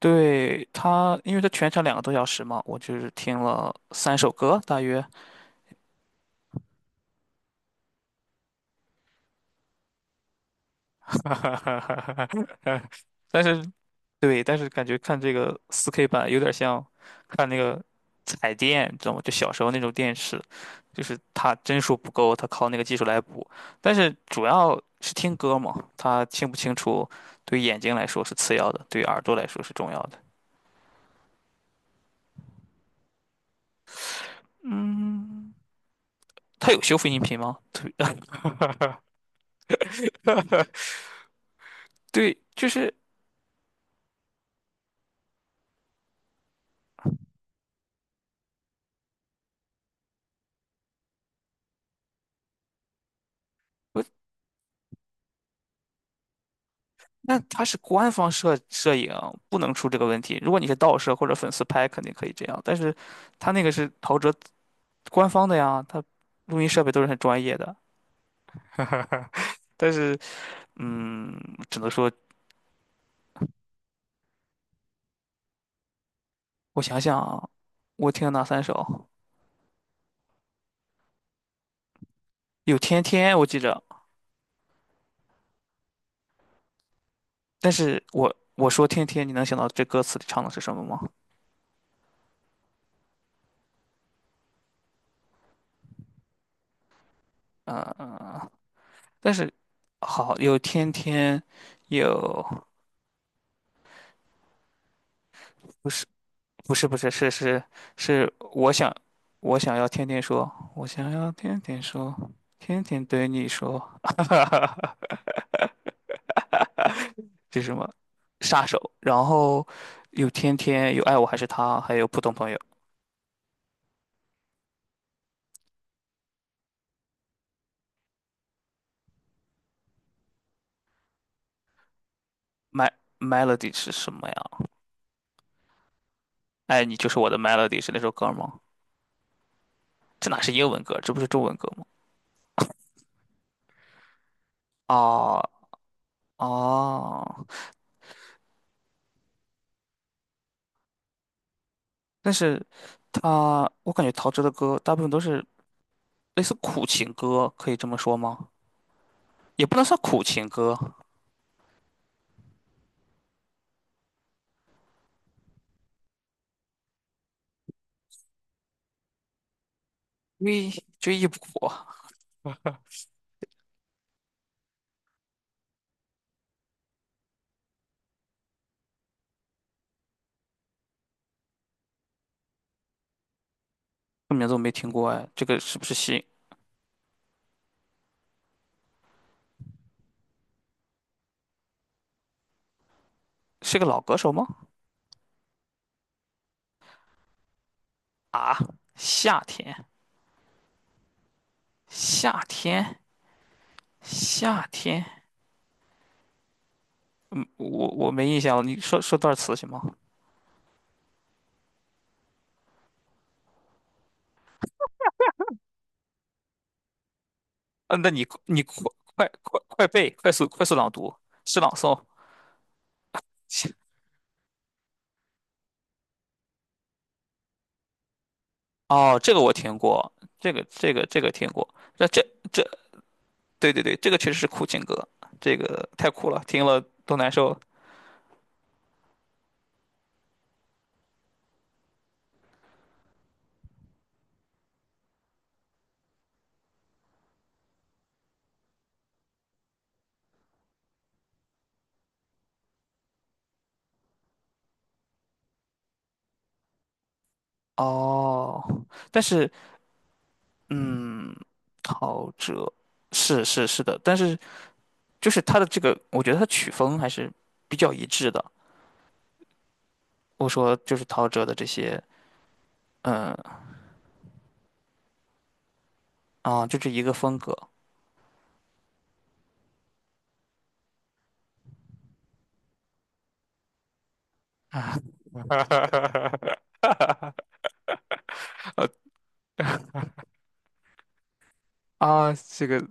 对他，因为他全程2个多小时嘛，我就是听了三首歌大约。但是对，但是感觉看这个4K 版有点像看那个彩电，知道吗？就小时候那种电视，就是它帧数不够，它靠那个技术来补。但是主要是听歌嘛，它清不清楚对眼睛来说是次要的，对耳朵来说是重要的。嗯，它有修复音频吗？对，对，就是。那它是官方摄影，不能出这个问题。如果你是盗摄或者粉丝拍，肯定可以这样。但是，他那个是陶喆官方的呀，他录音设备都是很专业的。但是，嗯，只能说我想想啊，我听了哪三首？有《天天》，我记着。但是我说《天天》，你能想到这歌词里唱的是什么吗？嗯，嗯嗯。但是好，有《天天》，有不是不是不是是是是，我想。我想要天天说，我想要天天说，天天对你说。这是什么？杀手。然后有天天，有爱我还是他，还有普通朋友。My Melody 是什么呀？爱你就是我的 Melody 是那首歌吗？这哪是英文歌，这不是中文歌吗？啊啊！但是我感觉陶喆的歌大部分都是类似苦情歌，可以这么说吗？也不能算苦情歌，追忆不苦。这名字我没听过哎，这个是不是新？是个老歌手吗？啊，夏天，夏天，夏天。我没印象了，你说说段词行吗？嗯，那你快快快快背，快速快速朗读，是朗诵。哦，这个我听过，这个听过，这这这，对对对，这个确实是苦情歌，这个太酷了，听了都难受。哦，但是，嗯，陶喆是是是的，但是。就是他的这个，我觉得他曲风还是比较一致的。我说就是陶喆的这些，嗯就这一个风格啊。这个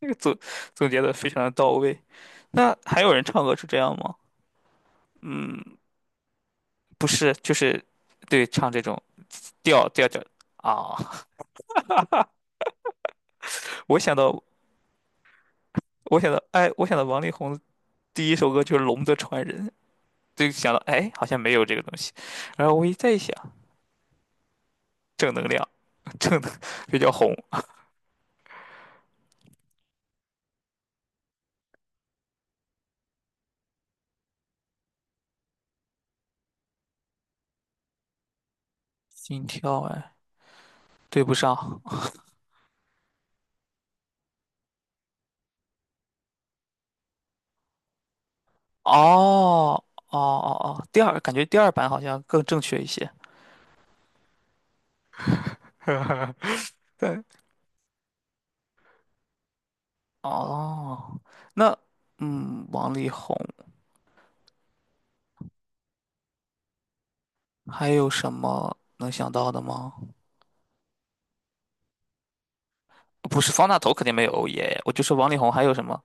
这个总结的非常的到位。那还有人唱歌是这样吗？嗯，不是，就是对唱这种调调调啊。我想到，我想到,哎，我想到王力宏第一首歌就是《龙的传人》，就想到，哎，好像没有这个东西。然后我一再一想，正能量，正能比较红，心跳哎。对不上。哦哦哦哦，第二感觉第二版好像更正确一些。对，哦，那，王力宏还有什么能想到的吗？不是方大同肯定没有欧耶，我就说王力宏还有什么？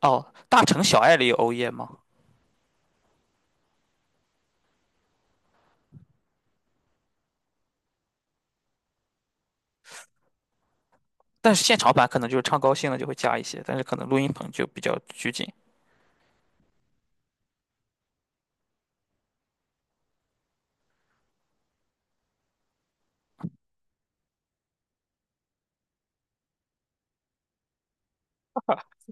哦，《大城小爱》里有欧耶吗？但是现场版可能就是唱高兴了就会加一些，但是可能录音棚就比较拘谨。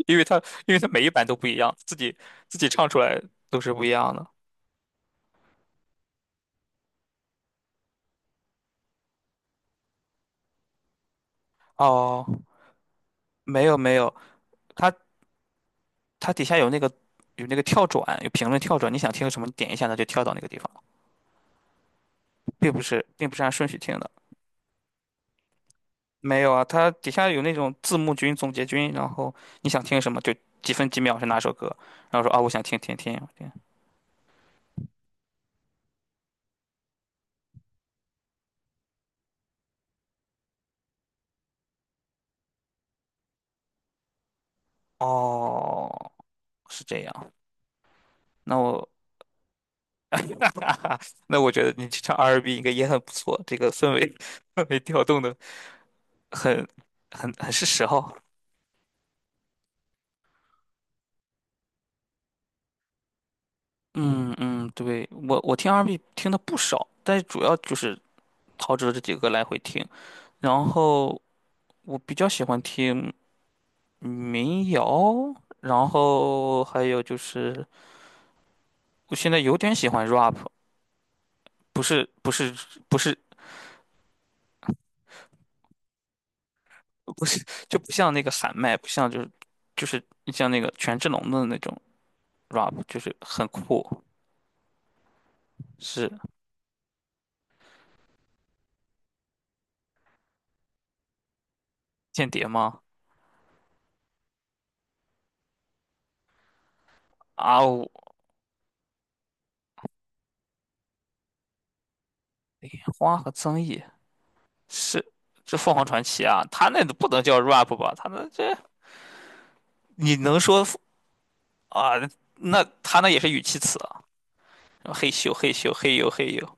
因为它每一版都不一样，自己唱出来都是不一样的。哦，没有没有。他它底下有那个，跳转，有评论跳转，你想听什么，你点一下它就跳到那个地方，并不是按顺序听的。没有啊，它底下有那种字幕君、总结君，然后你想听什么就几分几秒是哪首歌，然后说啊，我想听《听听天。哦，是这样。那我 那我觉得你去唱 R&B 应该也很不错，这个氛围 氛围调动的很很很是时候。嗯嗯，对，我听 R&B 听的不少，但是主要就是陶喆这几个来回听。然后我比较喜欢听民谣，然后还有就是我现在有点喜欢 rap。不是不是不是不是，就不像那个喊麦，不像，就是像那个权志龙的那种 rap,就是很酷。是间谍吗？啊呜，花和曾毅。是，这凤凰传奇啊，他那都不能叫 rap 吧？他那这你能说啊？那他那也是语气词。嘿咻嘿咻嘿呦嘿呦。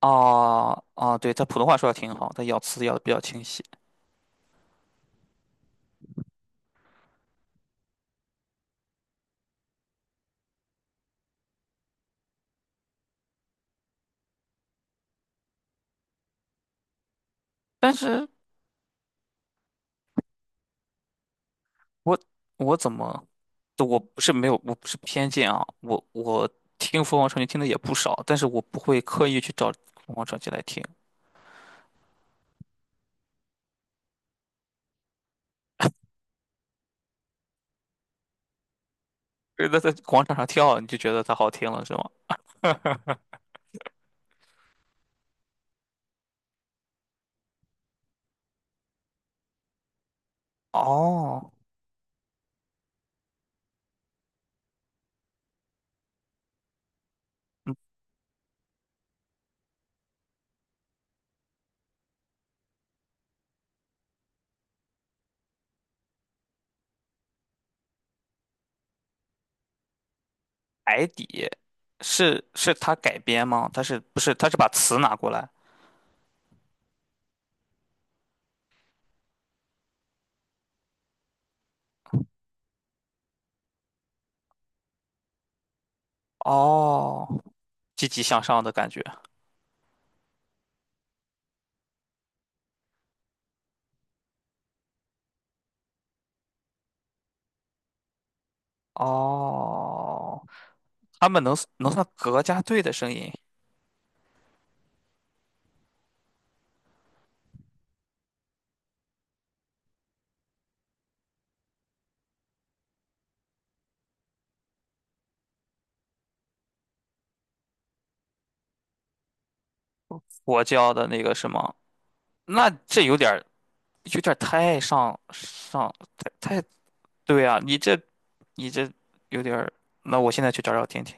哦哦，对，他普通话说的挺好，他咬词咬的比较清晰。但是我我怎么，我不是没有，我不是偏见啊，我听凤凰传奇听的也不少，但是我不会刻意去找凤凰传奇来听。就是他在广场上跳，你就觉得它好听了，是吗？哦，嗯白底。是他改编吗？他是不是他是把词拿过来？哦，积极向上的感觉。哦。他们能算国家队的声音，我教的那个什么，那这有点儿太上上太太对啊，你这有点儿。那我现在去找找听听。